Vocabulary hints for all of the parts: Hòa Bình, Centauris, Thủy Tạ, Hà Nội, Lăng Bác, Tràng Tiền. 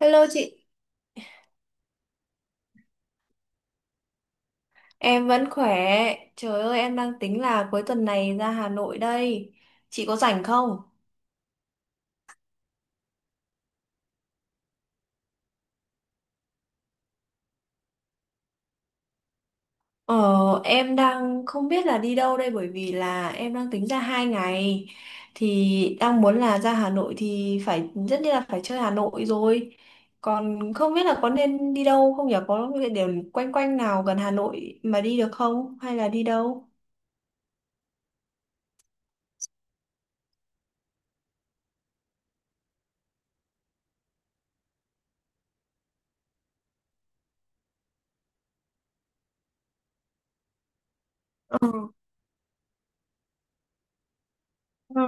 Hello chị, em vẫn khỏe. Trời ơi, em đang tính là cuối tuần này ra Hà Nội đây. Chị có rảnh không? Ờ, em đang không biết là đi đâu đây bởi vì là em đang tính ra 2 ngày. Thì đang muốn là ra Hà Nội thì phải rất như là phải chơi Hà Nội rồi. Còn không biết là có nên đi đâu không nhỉ? Có địa điểm quanh quanh nào gần Hà Nội mà đi được không? Hay là đi đâu? Ừ.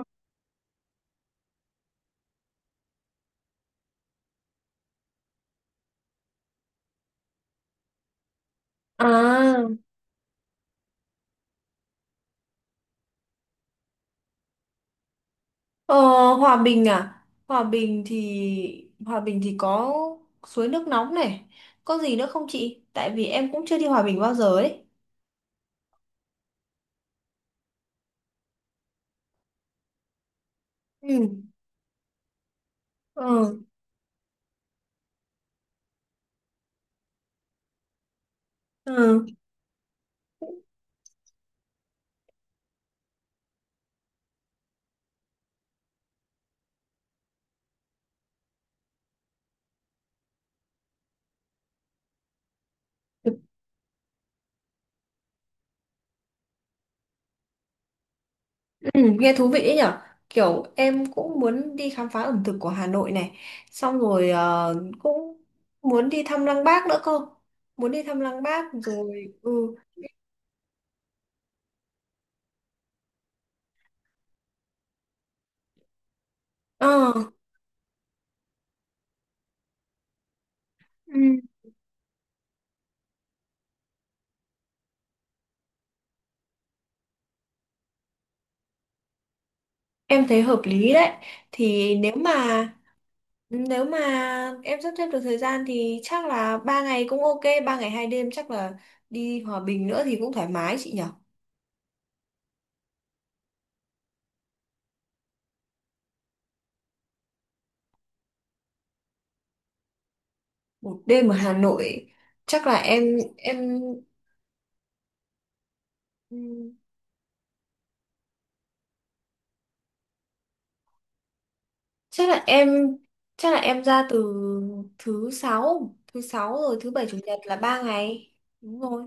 À. Ờ, Hòa Bình à? Hòa Bình thì có suối nước nóng này. Có gì nữa không chị? Tại vì em cũng chưa đi Hòa Bình bao giờ ấy. Ừ. Ừ. Ừ. Ừ, nghe thú vị ấy nhở, kiểu em cũng muốn đi khám phá ẩm thực của Hà Nội này, xong rồi cũng muốn đi thăm Lăng Bác nữa cơ, muốn đi thăm Lăng Bác rồi ừ Ờ, ừ. Em thấy hợp lý đấy, thì nếu mà em sắp xếp được thời gian thì chắc là 3 ngày cũng ok, 3 ngày 2 đêm chắc là đi Hòa Bình nữa thì cũng thoải mái chị nhỉ. Một đêm ở Hà Nội chắc là em ừm, chắc là em chắc là em ra từ thứ sáu rồi thứ bảy chủ nhật là 3 ngày. Đúng rồi.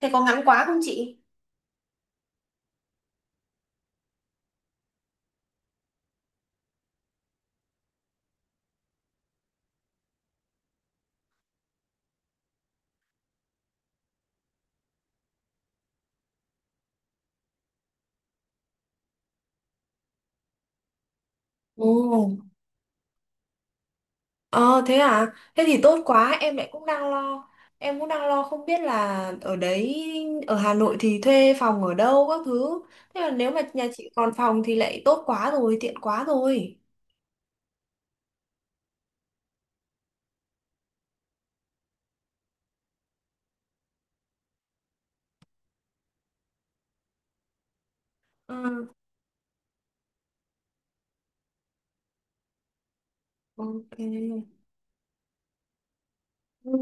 Thế có ngắn quá không chị? Ồ. Ờ thế à? Thế thì tốt quá, em lại cũng đang lo. Em cũng đang lo không biết là ở Hà Nội thì thuê phòng ở đâu các thứ. Thế là nếu mà nhà chị còn phòng thì lại tốt quá rồi, tiện quá rồi. Ừ. Ok. Ừ.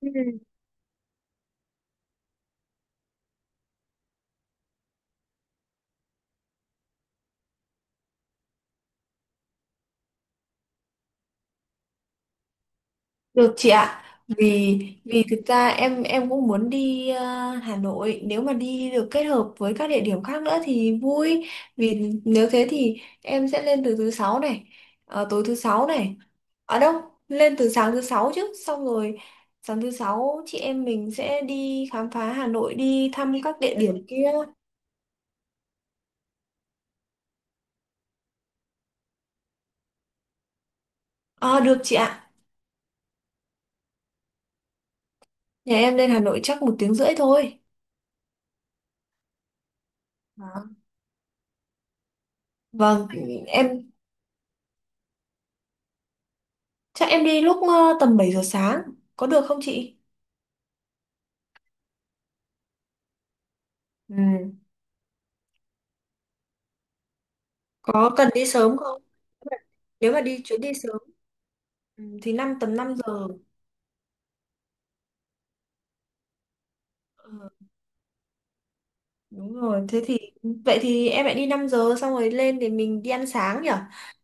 Ừ. Được chị ạ. Vì vì thực ra em cũng muốn đi Hà Nội, nếu mà đi được kết hợp với các địa điểm khác nữa thì vui. Vì nếu thế thì em sẽ lên từ thứ sáu này, tối thứ sáu này. Ở đâu? Lên từ sáng thứ sáu chứ, xong rồi sáng thứ sáu chị em mình sẽ đi khám phá Hà Nội, đi thăm các địa điểm kia. Ờ, được chị ạ. Nhà em lên Hà Nội chắc 1 tiếng rưỡi thôi. Đó. Vâng, em chắc em đi lúc tầm 7 giờ sáng. Có được không chị? Ừ. Có cần đi sớm không? Nếu mà đi chuyến đi sớm ừ, thì tầm 5 giờ. Ờ, đúng rồi, thế thì vậy thì em lại đi 5 giờ xong rồi lên để mình đi ăn sáng nhỉ?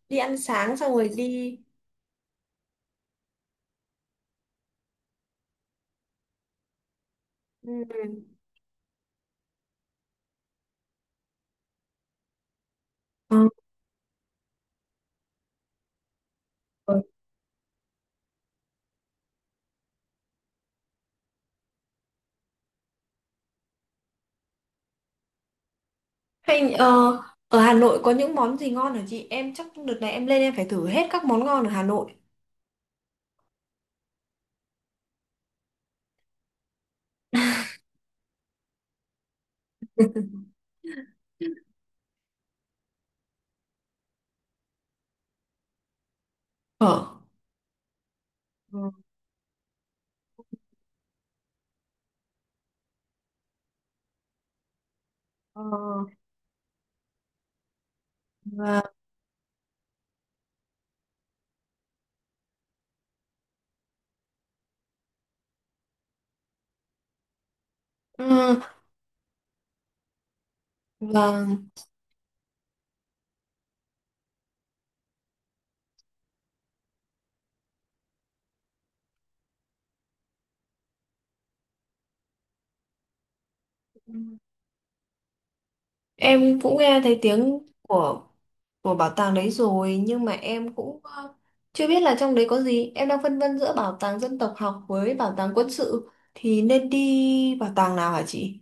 Đi ăn sáng xong rồi đi ừ. Ờ, Rồi. Hay ở Hà Nội có những món gì ngon hả chị? Em chắc đợt này em lên em phải thử hết các món ngon ở Hà Nội. Ờ. Ờ, ờ, và, ừ, và em cũng nghe thấy tiếng của bảo tàng đấy rồi, nhưng mà em cũng chưa biết là trong đấy có gì. Em đang phân vân giữa bảo tàng dân tộc học với bảo tàng quân sự, thì nên đi bảo tàng nào hả chị?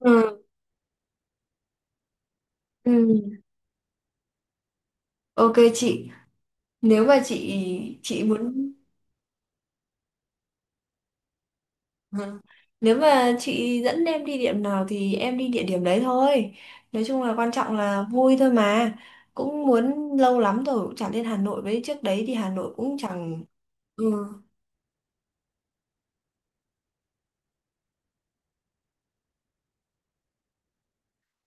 Ừ. Ừ. Ok chị, nếu mà chị muốn. Ừ. Nếu mà chị dẫn em đi điểm nào thì em đi địa điểm đấy thôi, nói chung là quan trọng là vui thôi mà, cũng muốn lâu lắm rồi cũng chẳng lên Hà Nội, với trước đấy thì Hà Nội cũng chẳng ừ.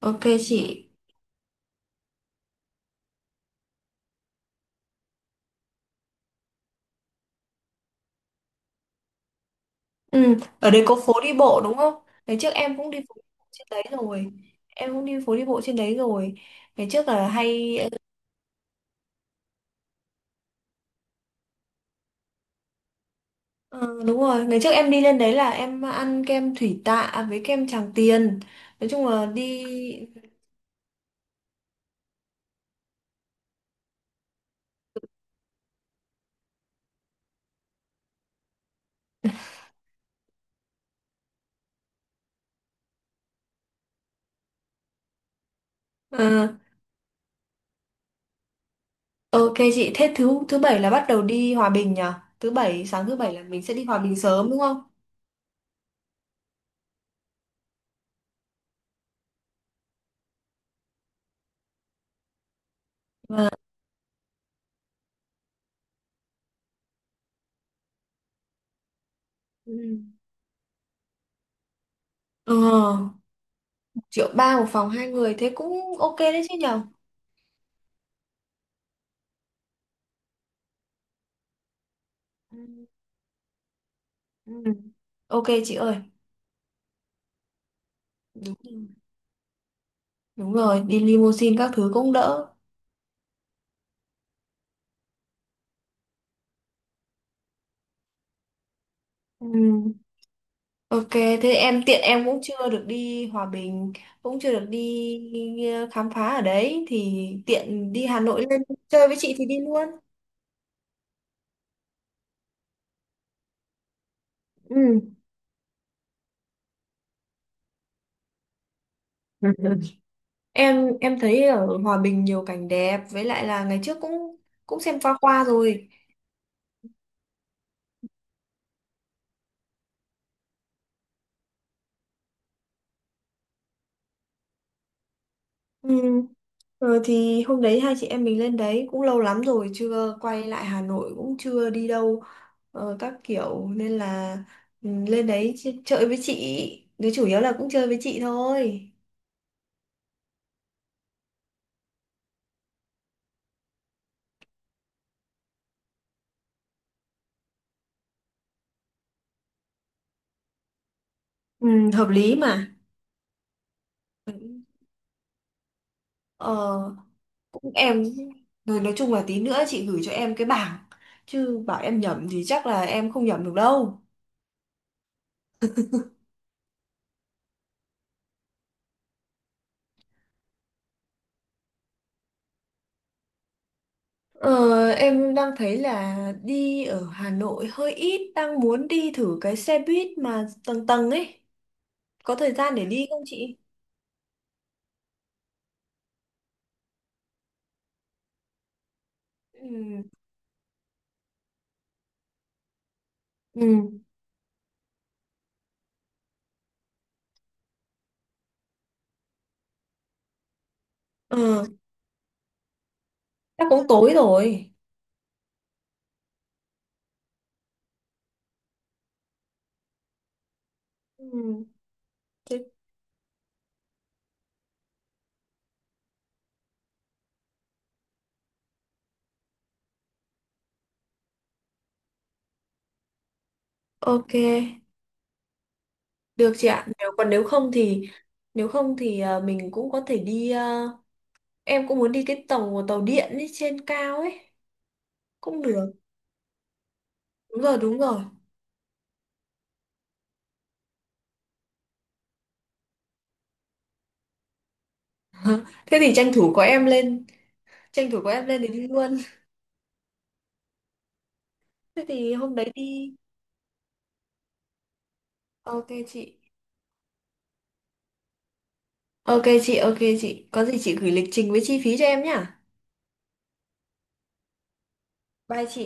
Ok chị. Ừ, ở đây có phố đi bộ đúng không? Ngày trước em cũng đi phố đi bộ trên đấy rồi. Em cũng đi phố đi bộ trên đấy rồi. Ngày trước là hay ờ, Đúng rồi, ngày trước em đi lên đấy là em ăn kem Thủy Tạ với kem Tràng Tiền. Nói chung là ờ, ok chị, thế thứ thứ bảy là bắt đầu đi Hòa Bình nhỉ? Thứ bảy Sáng thứ bảy là mình sẽ đi Hòa Bình sớm đúng không? Ừ. Ờ, một triệu ba một phòng hai người thế cũng ok đấy chứ nhỉ? Ừ. Ừ. Ok chị ơi. Đúng. Đúng rồi, đi limousine các thứ cũng đỡ. Ừ. Ok, thế em tiện em cũng chưa được đi Hòa Bình, cũng chưa được đi khám phá ở đấy, thì tiện đi Hà Nội lên chơi với chị thì đi luôn. Ừ. Em thấy ở Hòa Bình nhiều cảnh đẹp, với lại là ngày trước cũng cũng xem qua qua rồi. Ừ. Thì hôm đấy hai chị em mình lên đấy cũng lâu lắm rồi, chưa quay lại Hà Nội cũng chưa đi đâu các kiểu nên là lên đấy chơi với chị, đứa chủ yếu là cũng chơi với chị thôi. ừ, Hợp lý mà. ờ, cũng em rồi, nói chung là tí nữa chị gửi cho em cái bảng, chứ bảo em nhẩm thì chắc là em không nhẩm được đâu. Ờ, em đang thấy là đi ở Hà Nội hơi ít, đang muốn đi thử cái xe buýt mà tầng tầng ấy, có thời gian để đi không chị? ừ ừ ờ Chắc cũng tối rồi. Ừ, thế ok, được chị ạ. Nếu không thì mình cũng có thể đi, em cũng muốn đi cái tàu tàu điện ấy, trên cao ấy cũng được. Đúng rồi, đúng rồi. thế thì tranh thủ có em lên Tranh thủ có em lên thì đi luôn. Thế thì hôm đấy đi. Ok chị. Ok chị, ok chị, có gì chị gửi lịch trình với chi phí cho em nhá. Bye chị